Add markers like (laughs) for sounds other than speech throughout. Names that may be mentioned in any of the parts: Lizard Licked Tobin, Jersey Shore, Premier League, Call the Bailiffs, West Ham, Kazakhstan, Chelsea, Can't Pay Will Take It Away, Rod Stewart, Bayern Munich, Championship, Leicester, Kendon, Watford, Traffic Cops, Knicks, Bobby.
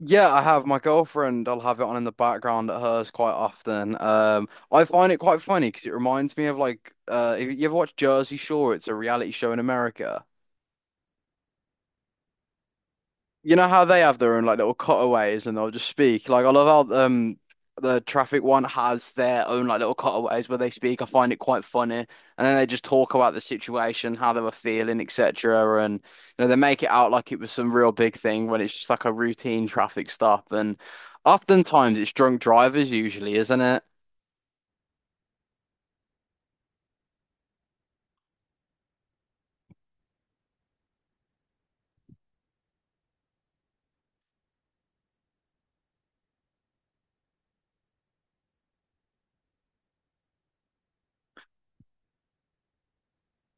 Yeah, I have my girlfriend. I'll have it on in the background at hers quite often. I find it quite funny because it reminds me of if you ever watch Jersey Shore, it's a reality show in America. You know how they have their own like little cutaways and they'll just speak. Like I love how the traffic one has their own like little cutaways where they speak. I find it quite funny. And then they just talk about the situation, how they were feeling, etc. And you know, they make it out like it was some real big thing when it's just like a routine traffic stop. And oftentimes it's drunk drivers usually, isn't it?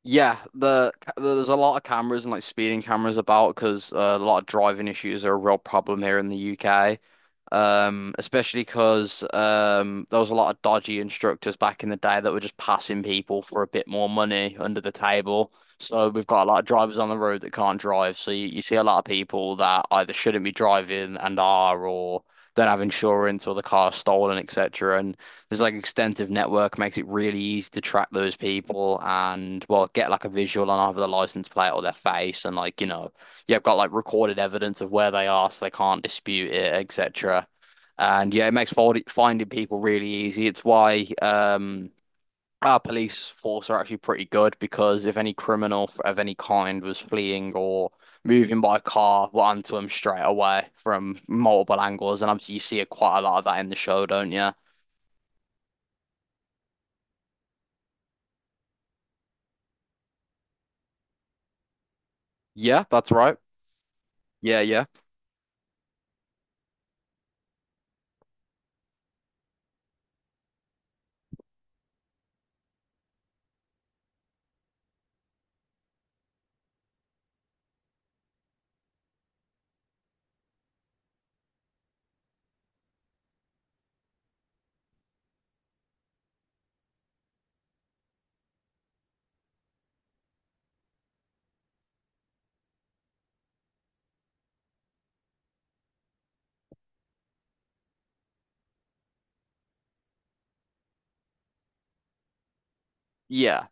Yeah, there's a lot of cameras and like speeding cameras about because a lot of driving issues are a real problem here in the UK. Especially because there was a lot of dodgy instructors back in the day that were just passing people for a bit more money under the table. So we've got a lot of drivers on the road that can't drive. So you see a lot of people that either shouldn't be driving and are, or don't have insurance, or the car's stolen, etc. And there's like extensive network makes it really easy to track those people and well get like a visual on either the license plate or their face and like you know you've got like recorded evidence of where they are so they can't dispute it etc. And yeah, it makes fold finding people really easy. It's why our police force are actually pretty good because if any criminal of any kind was fleeing or moving by car, we're onto them straight away from multiple angles. And obviously you see it quite a lot of that in the show, don't you? Yeah, that's right. Yeah, yeah. Yeah.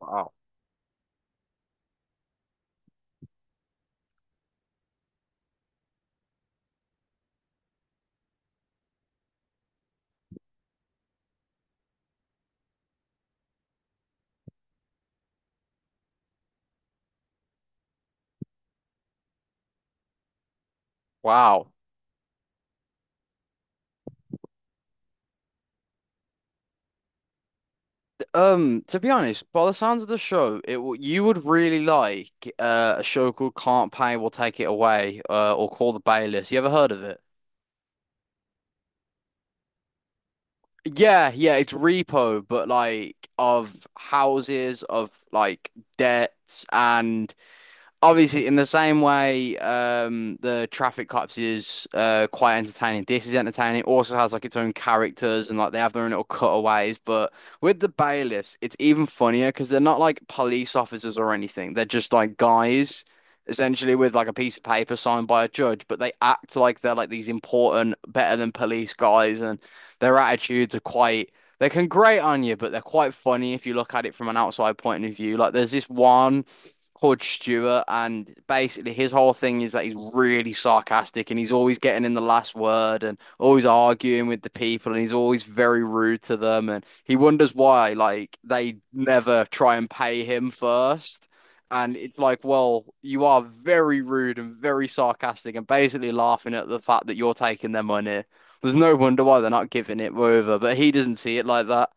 Wow. Wow. To be honest, by the sounds of the show, you would really like a show called Can't Pay Will Take It Away, or Call the Bailiffs. You ever heard of it? Yeah, yeah, it's repo, but like of houses, of like debts and obviously in the same way the Traffic Cops is quite entertaining. This is entertaining. It also has like its own characters and like they have their own little cutaways, but with the bailiffs it's even funnier because they're not like police officers or anything. They're just like guys essentially with like a piece of paper signed by a judge, but they act like they're like these important better than police guys, and their attitudes are quite, they can grate on you, but they're quite funny if you look at it from an outside point of view. Like there's this one Hod Stewart, and basically his whole thing is that he's really sarcastic and he's always getting in the last word and always arguing with the people and he's always very rude to them and he wonders why like they never try and pay him first. And it's like, well, you are very rude and very sarcastic and basically laughing at the fact that you're taking their money. There's no wonder why they're not giving it over, but he doesn't see it like that.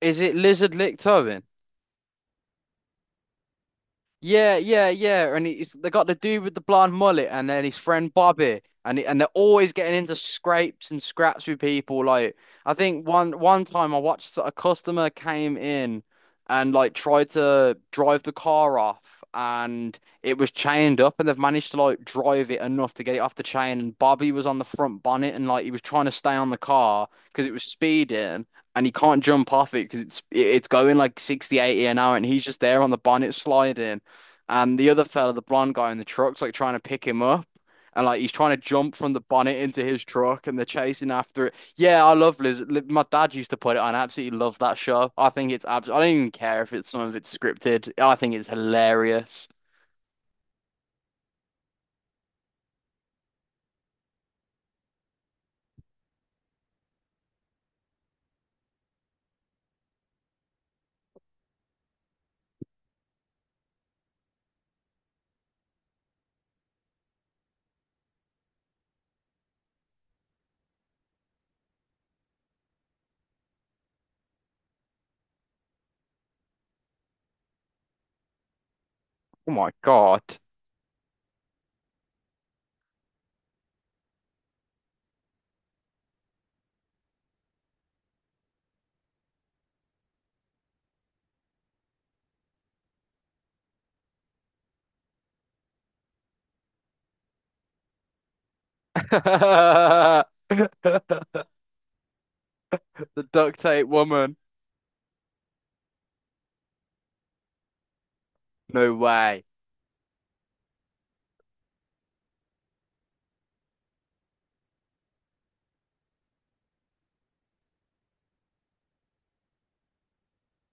Is it Lizard Licked Tobin? Yeah, yeah, yeah. And it's they got the dude with the blonde mullet and then his friend Bobby. And they're always getting into scrapes and scraps with people. Like I think one time I watched a customer came in and like tried to drive the car off and it was chained up and they've managed to like drive it enough to get it off the chain and Bobby was on the front bonnet and like he was trying to stay on the car because it was speeding and he can't jump off it because it's going like 60, 80 an hour and he's just there on the bonnet sliding and the other fella, the blonde guy in the truck's like trying to pick him up. And like he's trying to jump from the bonnet into his truck, and they're chasing after it. Yeah, I love Liz. My dad used to put it on. I absolutely love that show. I think it's abs. I don't even care if it's some of it's scripted. I think it's hilarious. Oh my God. (laughs) The duct tape woman. No way.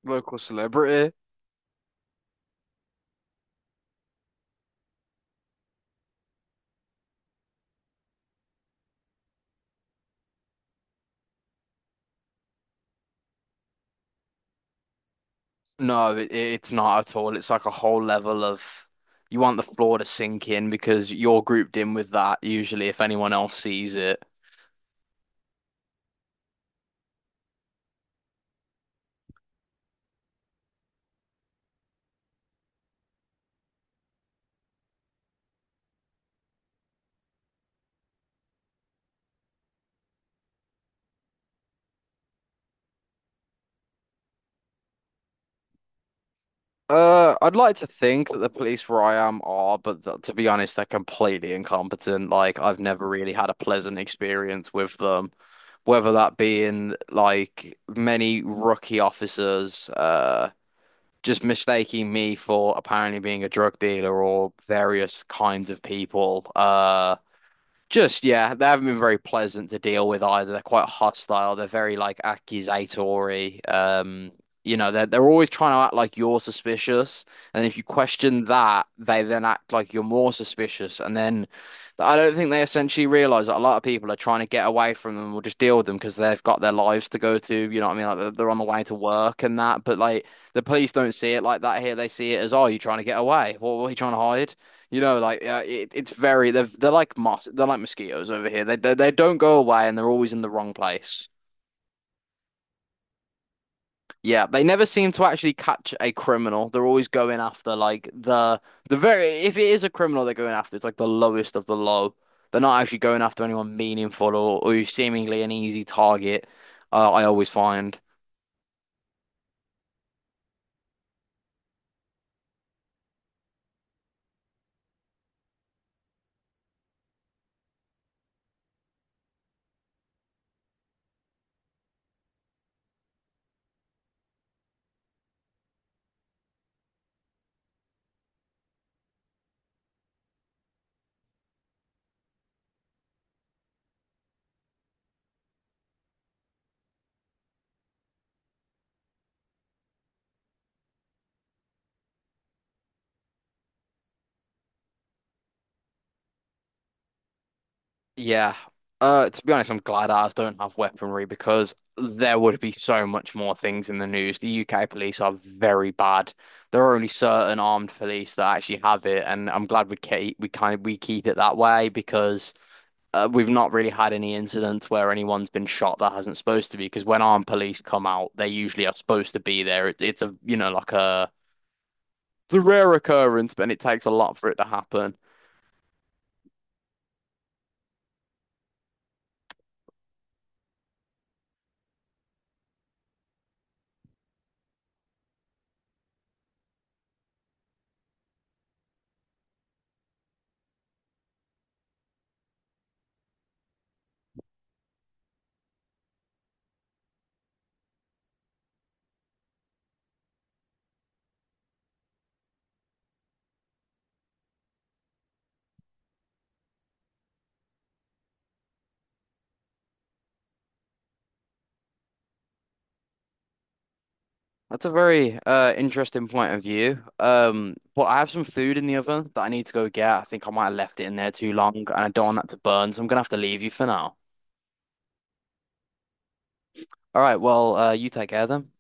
Local celebrity. No, it's not at all. It's like a whole level of you want the floor to sink in because you're grouped in with that usually if anyone else sees it. I'd like to think that the police where I am are, but th to be honest, they're completely incompetent. Like, I've never really had a pleasant experience with them, whether that being like many rookie officers just mistaking me for apparently being a drug dealer or various kinds of people just yeah, they haven't been very pleasant to deal with either. They're quite hostile. They're very like accusatory. You know, they're always trying to act like you're suspicious, and if you question that, they then act like you're more suspicious. And then I don't think they essentially realize that a lot of people are trying to get away from them or just deal with them because they've got their lives to go to. You know what I mean? Like they're on the way to work and that. But like the police don't see it like that here. They see it as, oh, you trying to get away? What are you trying to hide? You know, like it's very they're like mosquitoes over here. They don't go away, and they're always in the wrong place. Yeah, they never seem to actually catch a criminal. They're always going after like the very if it is a criminal they're going after, it's like the lowest of the low. They're not actually going after anyone meaningful, or who's seemingly an easy target. I always find. Yeah. To be honest, I'm glad ours don't have weaponry because there would be so much more things in the news. The UK police are very bad. There are only certain armed police that actually have it, and I'm glad we keep we kind of we keep it that way because we've not really had any incidents where anyone's been shot that hasn't supposed to be. Because when armed police come out, they usually are supposed to be there. It's a you know like a it's a rare occurrence, but it takes a lot for it to happen. That's a very interesting point of view. But I have some food in the oven that I need to go get. I think I might have left it in there too long, and I don't want that to burn, so I'm gonna have to leave you for now. All right, well, you take care then.